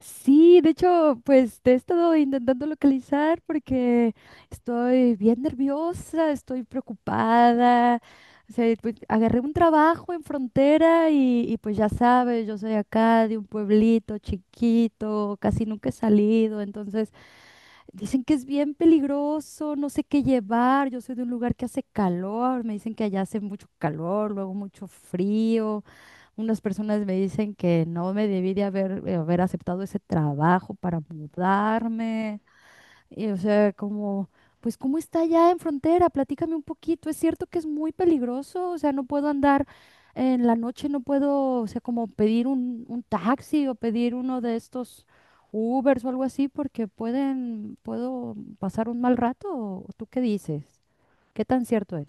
Sí, de hecho, pues te he estado intentando localizar porque estoy bien nerviosa, estoy preocupada. O sea, pues, agarré un trabajo en frontera y pues ya sabes, yo soy acá de un pueblito chiquito, casi nunca he salido, entonces dicen que es bien peligroso, no sé qué llevar, yo soy de un lugar que hace calor, me dicen que allá hace mucho calor, luego mucho frío. Unas personas me dicen que no me debí de haber aceptado ese trabajo para mudarme. Y, o sea, como, pues, ¿cómo está allá en frontera? Platícame un poquito. Es cierto que es muy peligroso. O sea, no puedo andar en la noche, no puedo, o sea, como pedir un taxi o pedir uno de estos Ubers o algo así, porque pueden, puedo pasar un mal rato. ¿O tú qué dices? ¿Qué tan cierto es?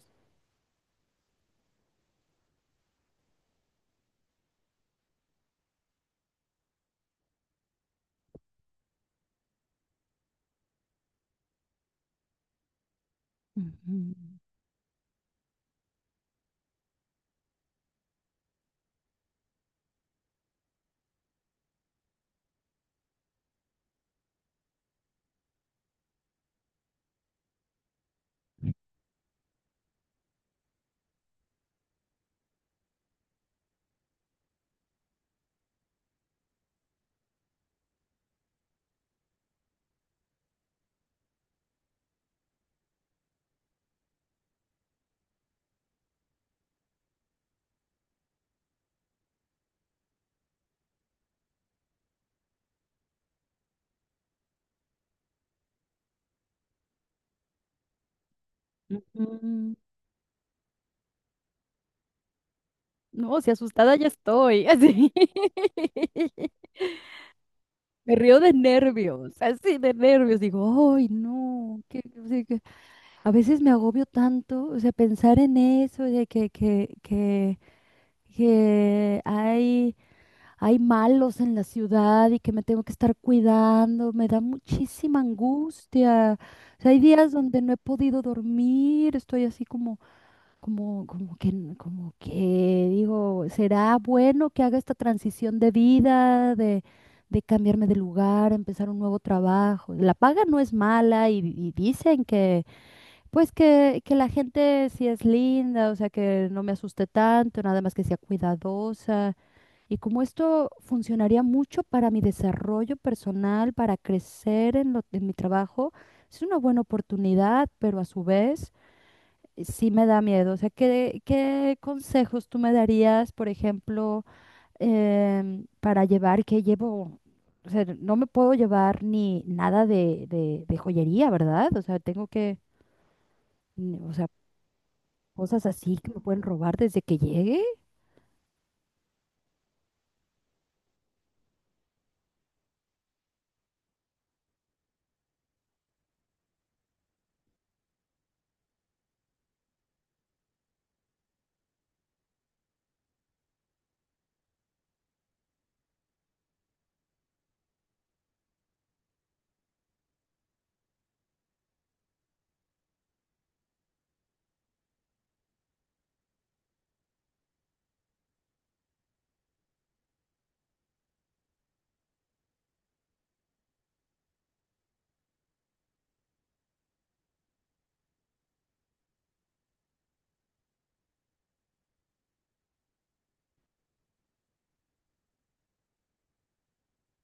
Ujú, ujú. No, si asustada ya estoy, así. Me río de nervios, así de nervios. Digo, ay, no, que, o sea, que a veces me agobio tanto, o sea, pensar en eso, de que hay, hay malos en la ciudad y que me tengo que estar cuidando, me da muchísima angustia. O sea, hay días donde no he podido dormir, estoy así como que digo, ¿será bueno que haga esta transición de vida, de cambiarme de lugar, empezar un nuevo trabajo? La paga no es mala y dicen que la gente sí es linda, o sea, que no me asuste tanto, nada más que sea cuidadosa. Y como esto funcionaría mucho para mi desarrollo personal, para crecer en mi trabajo, es una buena oportunidad, pero a su vez sí me da miedo. O sea, ¿qué, qué consejos tú me darías, por ejemplo, para llevar? ¿Qué llevo? O sea, no me puedo llevar ni nada de joyería, ¿verdad? O sea, tengo que, o sea, cosas así que me pueden robar desde que llegue.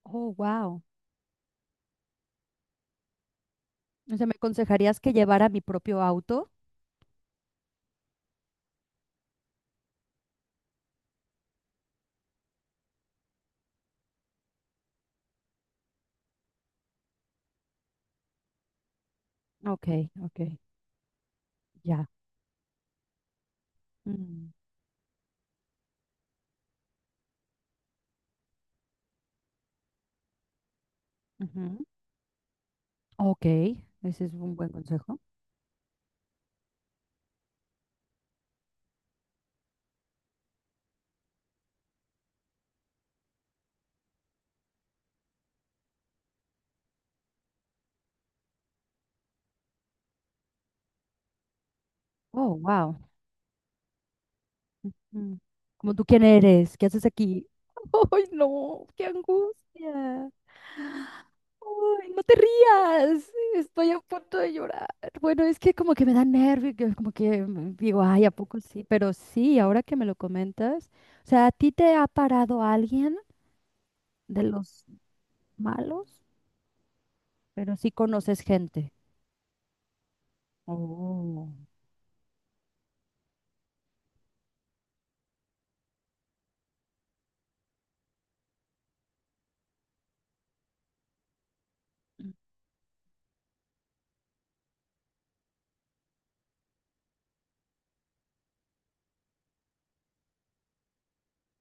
Oh, wow. O sea, ¿me aconsejarías que llevara mi propio auto? Ok, ok, ya. Mm, ujú. Ok, ese es un buen consejo. Oh, wow. Mm. Como tú quién eres, ¿qué haces aquí? ¡Ay, no! ¡Qué angustia! ¡Ay, no te rías! Estoy a punto de llorar. Bueno, es que como que me da nervio, que como que digo, ay, ¿a poco sí? Pero sí, ahora que me lo comentas, o sea, ¿a ti te ha parado alguien de los malos? Pero sí conoces gente. Oh.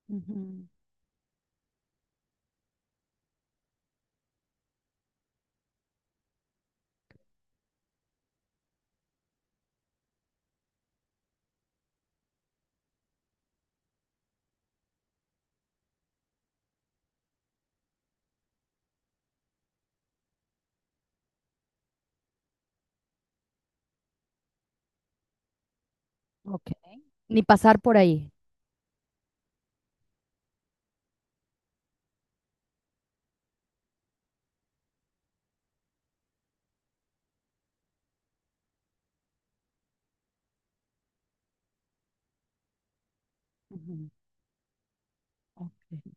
Ujú, ok. Ni pasar por ahí. Ujú, ok.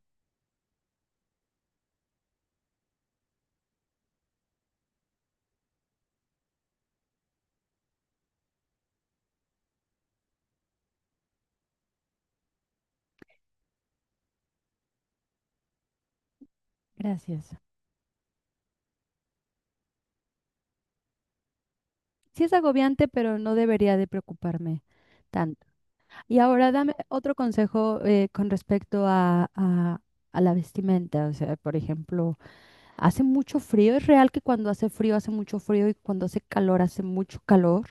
Gracias. Sí es agobiante, pero no debería de preocuparme tanto. Y ahora dame otro consejo con respecto a, a la vestimenta. O sea, por ejemplo, hace mucho frío. Es real que cuando hace frío hace mucho frío y cuando hace calor hace mucho calor.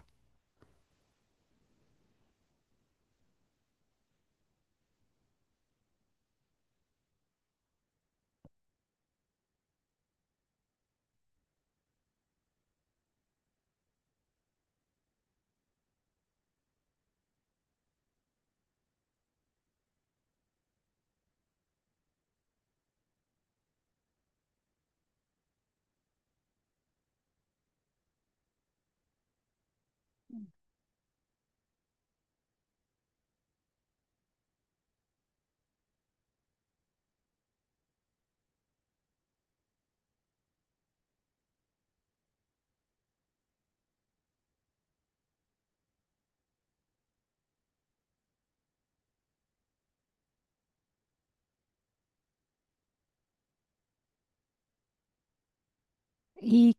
Y,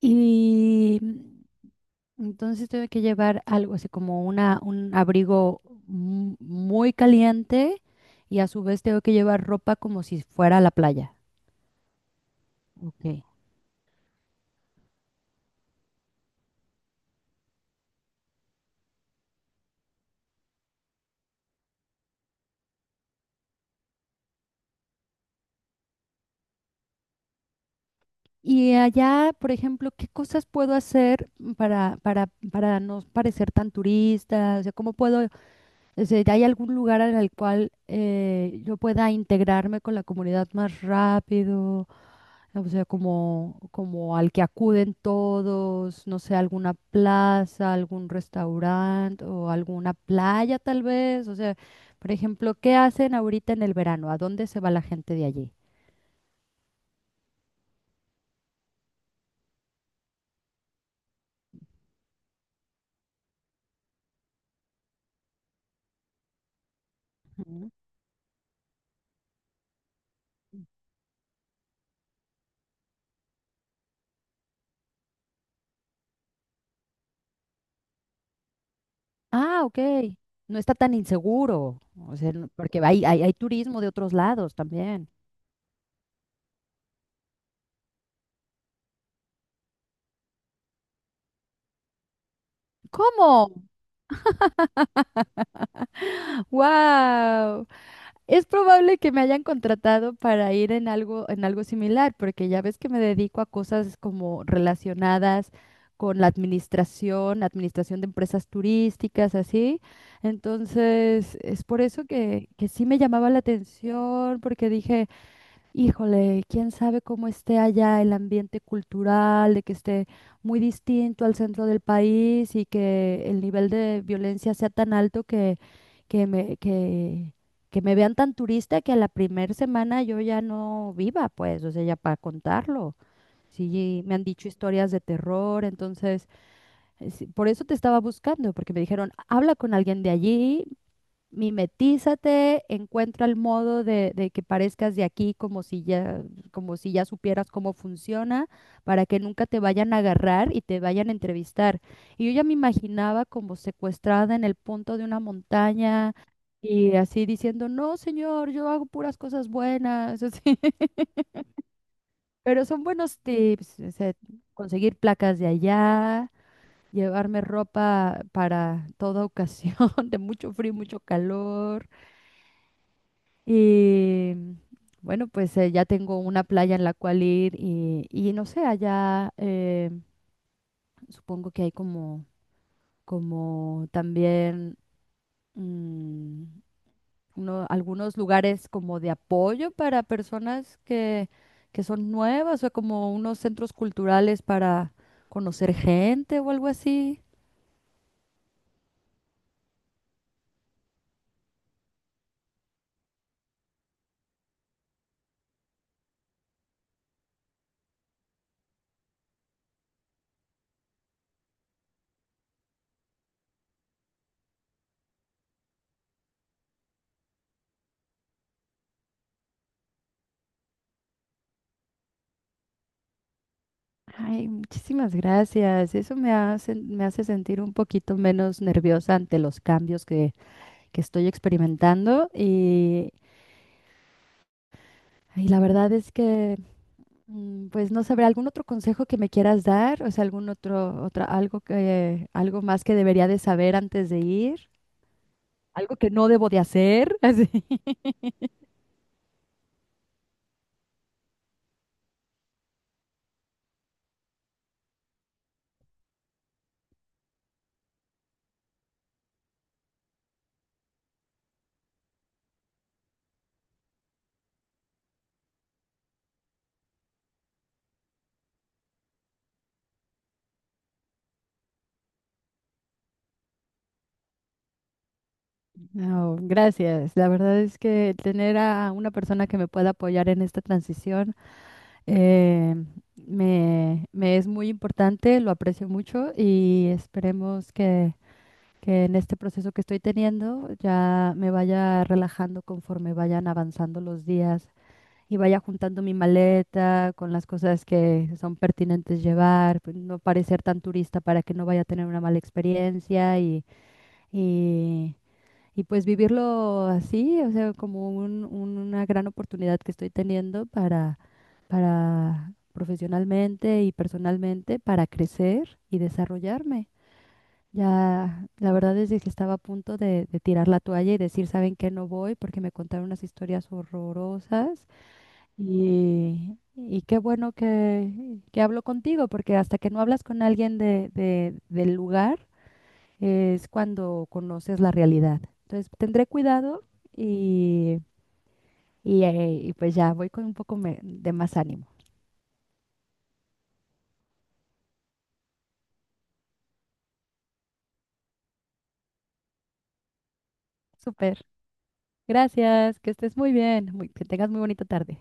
y mm, entonces tengo que llevar algo así como un abrigo muy caliente y a su vez tengo que llevar ropa como si fuera a la playa. Ok. Y allá, por ejemplo, ¿qué cosas puedo hacer para no parecer tan turista? O sea, ¿cómo puedo, o sea, ¿hay algún lugar en el cual yo pueda integrarme con la comunidad más rápido? O sea, como, como al que acuden todos, no sé, alguna plaza, algún restaurante o alguna playa tal vez. O sea, por ejemplo, ¿qué hacen ahorita en el verano? ¿A dónde se va la gente de allí? Ujú. Ah, ok. No está tan inseguro. O sea, no- porque hay, hay turismo de otros lados también. ¿Cómo? ¡Wow! Es probable que me hayan contratado para ir en algo similar, porque ya ves que me dedico a cosas como relacionadas con la administración, administración de empresas turísticas, así. Entonces, es por eso que sí me llamaba la atención, porque dije, híjole, quién sabe cómo esté allá el ambiente cultural, de que esté muy distinto al centro del país y que el nivel de violencia sea tan alto que me, que, que me vean tan turista que a la primera semana yo ya no viva, pues, o sea, ya para contarlo. Sí, me han dicho historias de terror, entonces, sí, por eso te estaba buscando, porque me dijeron, habla con alguien de allí. Mimetízate, encuentra el modo de que parezcas de aquí como si ya supieras cómo funciona, para que nunca te vayan a agarrar y te vayan a entrevistar. Y yo ya me imaginaba como secuestrada en el punto de una montaña y así diciendo, no, señor, yo hago puras cosas buenas, así. Pero son buenos tips, o sea, conseguir placas de allá, llevarme ropa para toda ocasión, de mucho frío, y mucho calor. Y bueno, pues ya tengo una playa en la cual ir y no sé, allá supongo que hay como, como también mm, algunos lugares como de apoyo para personas que son nuevas o como unos centros culturales para conocer gente o algo así. Ay, muchísimas gracias. Eso me hace sentir un poquito menos nerviosa ante los cambios que estoy experimentando y la verdad es que, pues no sabré, algún otro consejo que me quieras dar, o sea, algún otro, otra, algo que, algo más que debería de saber antes de ir, algo que no debo de hacer, así. No, gracias. La verdad es que tener a una persona que me pueda apoyar en esta transición eh, me es muy importante, lo aprecio mucho y esperemos que en este proceso que estoy teniendo ya me vaya relajando conforme vayan avanzando los días y vaya juntando mi maleta con las cosas que son pertinentes llevar, pues, no parecer tan turista para que no vaya a tener una mala experiencia y, y pues vivirlo así, o sea, como una gran oportunidad que estoy teniendo para profesionalmente y personalmente, para crecer y desarrollarme. Ya, la verdad es de que estaba a punto de tirar la toalla y decir, ¿saben qué? No voy porque me contaron unas historias horrorosas y qué bueno que hablo contigo porque hasta que no hablas con alguien del lugar es cuando conoces la realidad. Entonces, tendré cuidado y, y pues ya voy con un poco de más ánimo. Súper. Gracias, que estés muy bien, que tengas muy bonita tarde.